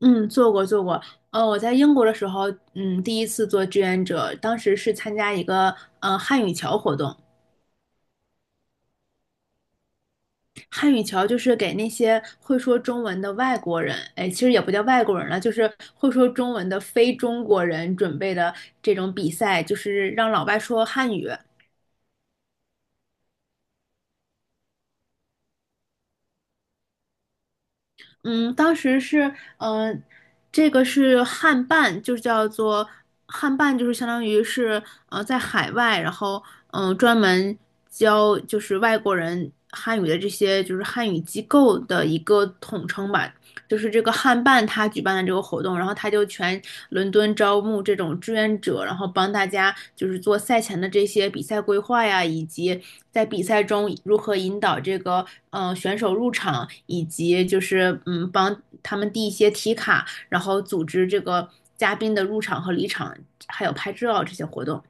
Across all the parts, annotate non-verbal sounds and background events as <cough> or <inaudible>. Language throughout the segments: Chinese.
嗯，做过做过。我在英国的时候，第一次做志愿者，当时是参加一个汉语桥活动。汉语桥就是给那些会说中文的外国人，哎，其实也不叫外国人了，就是会说中文的非中国人准备的这种比赛，就是让老外说汉语。嗯，当时是，这个是汉办，就叫做汉办，就是相当于是，在海外，然后，专门教就是外国人汉语的这些就是汉语机构的一个统称吧。就是这个汉办他举办的这个活动，然后他就全伦敦招募这种志愿者，然后帮大家就是做赛前的这些比赛规划呀，以及在比赛中如何引导这个选手入场，以及就是帮他们递一些题卡，然后组织这个嘉宾的入场和离场，还有拍照这些活动。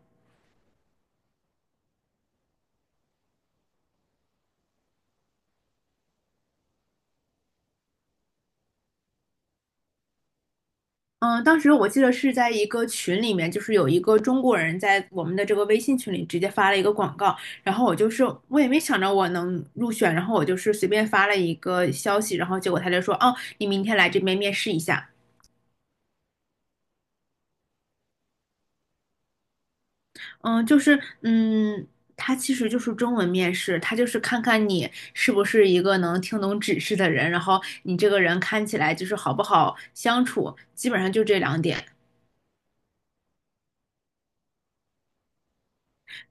嗯，当时我记得是在一个群里面，就是有一个中国人在我们的这个微信群里直接发了一个广告，然后我就是我也没想着我能入选，然后我就是随便发了一个消息，然后结果他就说，哦，你明天来这边面试一下。嗯，就是他其实就是中文面试，他就是看看你是不是一个能听懂指示的人，然后你这个人看起来就是好不好相处，基本上就这两点。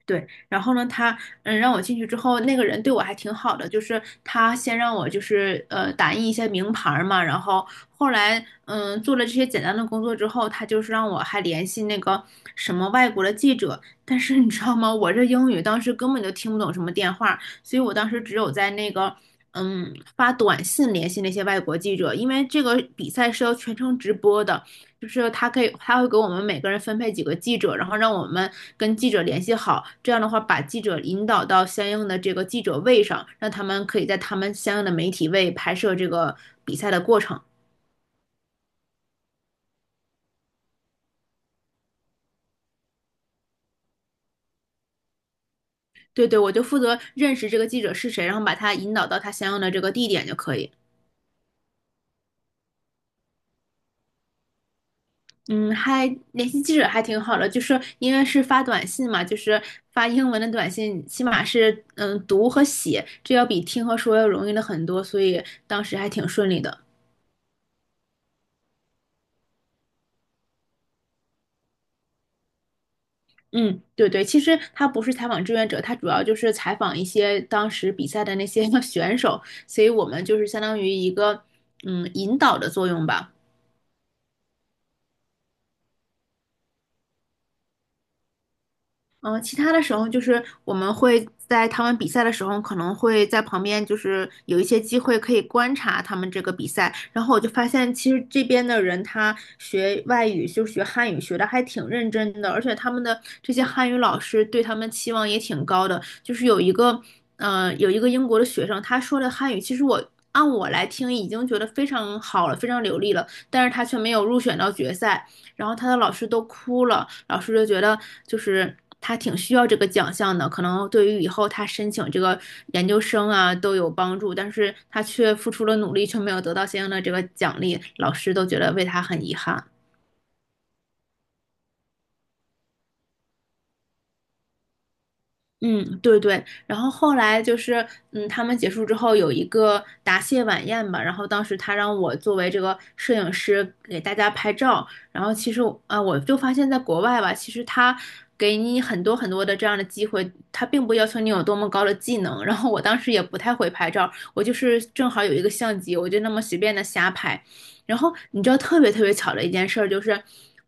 对，然后呢，他让我进去之后，那个人对我还挺好的，就是他先让我就是打印一些名牌儿嘛，然后后来做了这些简单的工作之后，他就是让我还联系那个什么外国的记者，但是你知道吗，我这英语当时根本就听不懂什么电话，所以我当时只有在那个发短信联系那些外国记者，因为这个比赛是要全程直播的。就是他可以，他会给我们每个人分配几个记者，然后让我们跟记者联系好。这样的话，把记者引导到相应的这个记者位上，让他们可以在他们相应的媒体位拍摄这个比赛的过程。对对，我就负责认识这个记者是谁，然后把他引导到他相应的这个地点就可以。嗯，还联系记者还挺好的，就是因为是发短信嘛，就是发英文的短信，起码是读和写，这要比听和说要容易了很多，所以当时还挺顺利的。嗯，对对，其实他不是采访志愿者，他主要就是采访一些当时比赛的那些 <laughs> 选手，所以我们就是相当于一个引导的作用吧。嗯，其他的时候就是我们会在他们比赛的时候，可能会在旁边，就是有一些机会可以观察他们这个比赛。然后我就发现，其实这边的人他学外语，就是学汉语，学的还挺认真的，而且他们的这些汉语老师对他们期望也挺高的。就是有一个英国的学生，他说的汉语，其实我按我来听已经觉得非常好了，非常流利了，但是他却没有入选到决赛。然后他的老师都哭了，老师就觉得就是他挺需要这个奖项的，可能对于以后他申请这个研究生啊都有帮助，但是他却付出了努力，却没有得到相应的这个奖励，老师都觉得为他很遗憾。嗯，对对，然后后来就是，他们结束之后有一个答谢晚宴吧，然后当时他让我作为这个摄影师给大家拍照，然后其实我啊，我就发现在国外吧，其实他给你很多很多的这样的机会，他并不要求你有多么高的技能，然后我当时也不太会拍照，我就是正好有一个相机，我就那么随便的瞎拍，然后你知道特别特别巧的一件事儿，就是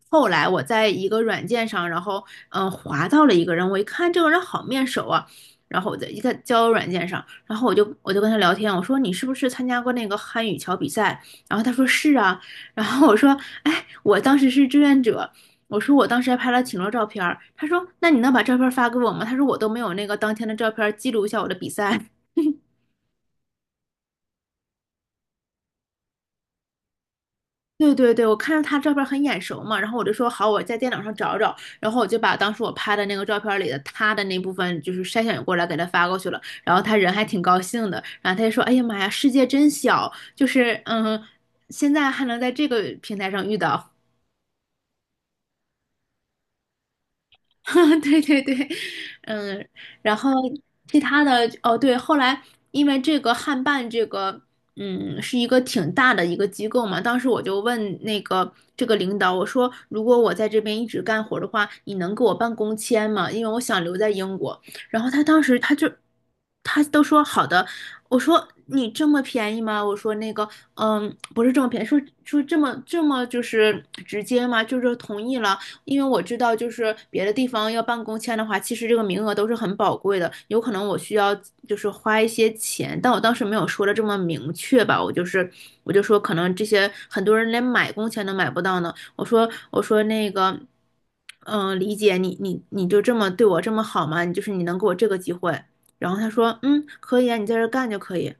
后来我在一个软件上，然后滑到了一个人，我一看这个人好面熟啊，然后我在一个交友软件上，然后我就跟他聊天，我说你是不是参加过那个汉语桥比赛？然后他说是啊，然后我说哎，我当时是志愿者。我说我当时还拍了挺多照片儿，他说那你能把照片儿发给我吗？他说我都没有那个当天的照片儿记录一下我的比赛。对对对，我看着他照片很眼熟嘛，然后我就说好，我在电脑上找找，然后我就把当时我拍的那个照片里的他的那部分就是筛选过来给他发过去了，然后他人还挺高兴的，然后他就说，哎呀妈呀，世界真小，就是现在还能在这个平台上遇到。<laughs> 对对对，嗯，然后其他的哦，对，后来因为这个汉办这个，是一个挺大的一个机构嘛，当时我就问那个这个领导，我说如果我在这边一直干活的话，你能给我办工签吗？因为我想留在英国。然后他当时他都说好的，我说你这么便宜吗？我说那个，不是这么便宜，说这么就是直接吗？就是同意了。因为我知道就是别的地方要办公签的话，其实这个名额都是很宝贵的，有可能我需要就是花一些钱，但我当时没有说的这么明确吧，我就是我就说可能这些很多人连买工签都买不到呢，我说那个。李姐，你就这么对我这么好吗？你就是你能给我这个机会，然后他说，嗯，可以啊，你在这儿干就可以。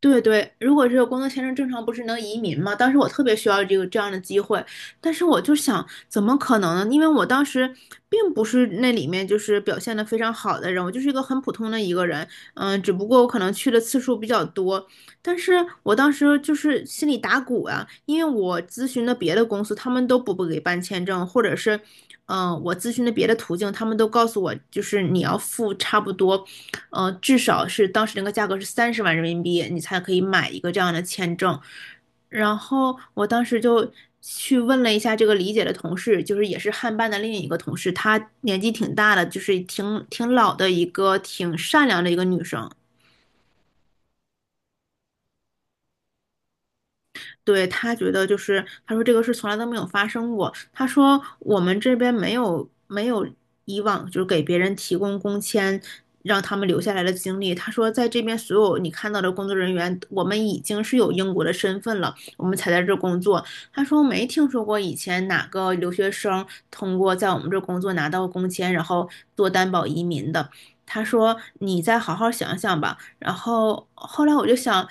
对对，如果这个工作签证，正常不是能移民吗？当时我特别需要这个这样的机会，但是我就想，怎么可能呢？因为我当时并不是那里面就是表现的非常好的人，我就是一个很普通的一个人，只不过我可能去的次数比较多，但是我当时就是心里打鼓啊，因为我咨询的别的公司，他们都不给办签证，或者是我咨询的别的途径，他们都告诉我，就是你要付差不多，至少是当时那个价格是30万人民币，你才可以买一个这样的签证。然后我当时就去问了一下这个李姐的同事，就是也是汉办的另一个同事，她年纪挺大的，就是挺老的一个挺善良的一个女生。对，他觉得就是，他说这个事从来都没有发生过。他说我们这边没有以往就是给别人提供工签让他们留下来的经历。他说在这边所有你看到的工作人员，我们已经是有英国的身份了，我们才在这工作。他说没听说过以前哪个留学生通过在我们这工作拿到工签，然后做担保移民的。他说：“你再好好想想吧。”然后后来我就想，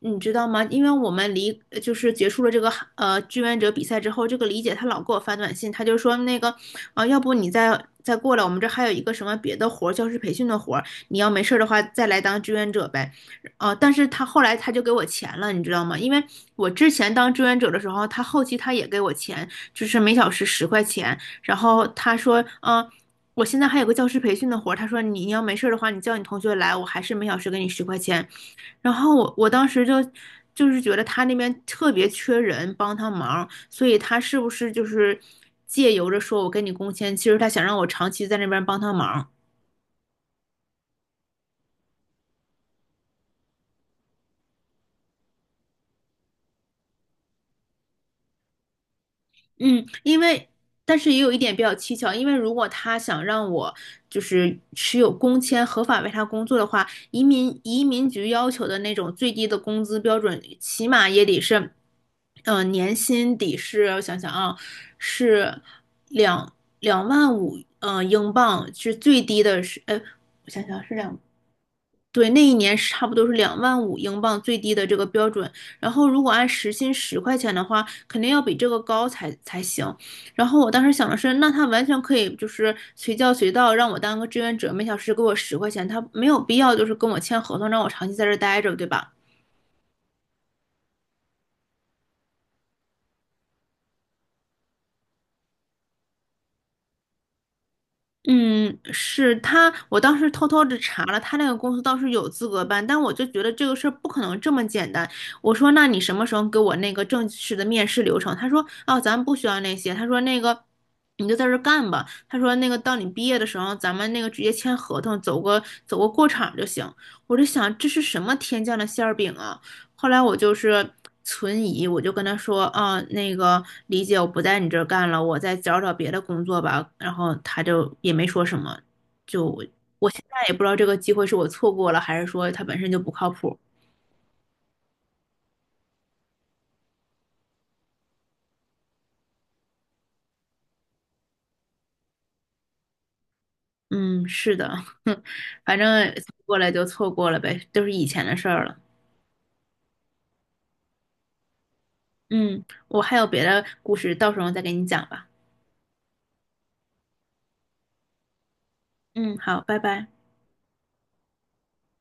你知道吗？因为我们就是结束了这个志愿者比赛之后，这个李姐她老给我发短信，她就说那个啊、要不你再过来，我们这还有一个什么别的活儿，教师培训的活儿，你要没事儿的话再来当志愿者呗。啊，但是她后来她就给我钱了，你知道吗？因为我之前当志愿者的时候，她后期她也给我钱，就是每小时十块钱。然后她说，我现在还有个教师培训的活儿，她说你要没事儿的话，你叫你同学来，我还是每小时给你十块钱。然后我当时就是觉得他那边特别缺人帮他忙，所以他是不是就是借由着说我跟你工签，其实他想让我长期在那边帮他忙。嗯，但是也有一点比较蹊跷，因为如果他想让我就是持有工签合法为他工作的话，移民局要求的那种最低的工资标准，起码也得是，年薪得是，我想想啊，是两两万五，英镑是最低的是，我想想，对，那一年是差不多是两万五英镑最低的这个标准，然后如果按时薪十块钱的话，肯定要比这个高才行。然后我当时想的是，那他完全可以就是随叫随到，让我当个志愿者，每小时给我十块钱，他没有必要就是跟我签合同，让我长期在这儿待着，对吧？嗯，是他，我当时偷偷的查了，他那个公司倒是有资格办，但我就觉得这个事儿不可能这么简单。我说，那你什么时候给我那个正式的面试流程？他说，哦，咱们不需要那些。他说，那个你就在这儿干吧。他说，那个到你毕业的时候，咱们那个直接签合同，走个过场就行。我就想，这是什么天降的馅儿饼啊？后来我就是存疑，我就跟他说，啊，那个李姐，我不在你这儿干了，我再找找别的工作吧。然后他就也没说什么，就我现在也不知道这个机会是我错过了，还是说他本身就不靠谱。嗯，是的，<laughs> 反正错过来就错过了呗，都是以前的事儿了。嗯，我还有别的故事，到时候再给你讲吧。嗯，好，拜拜。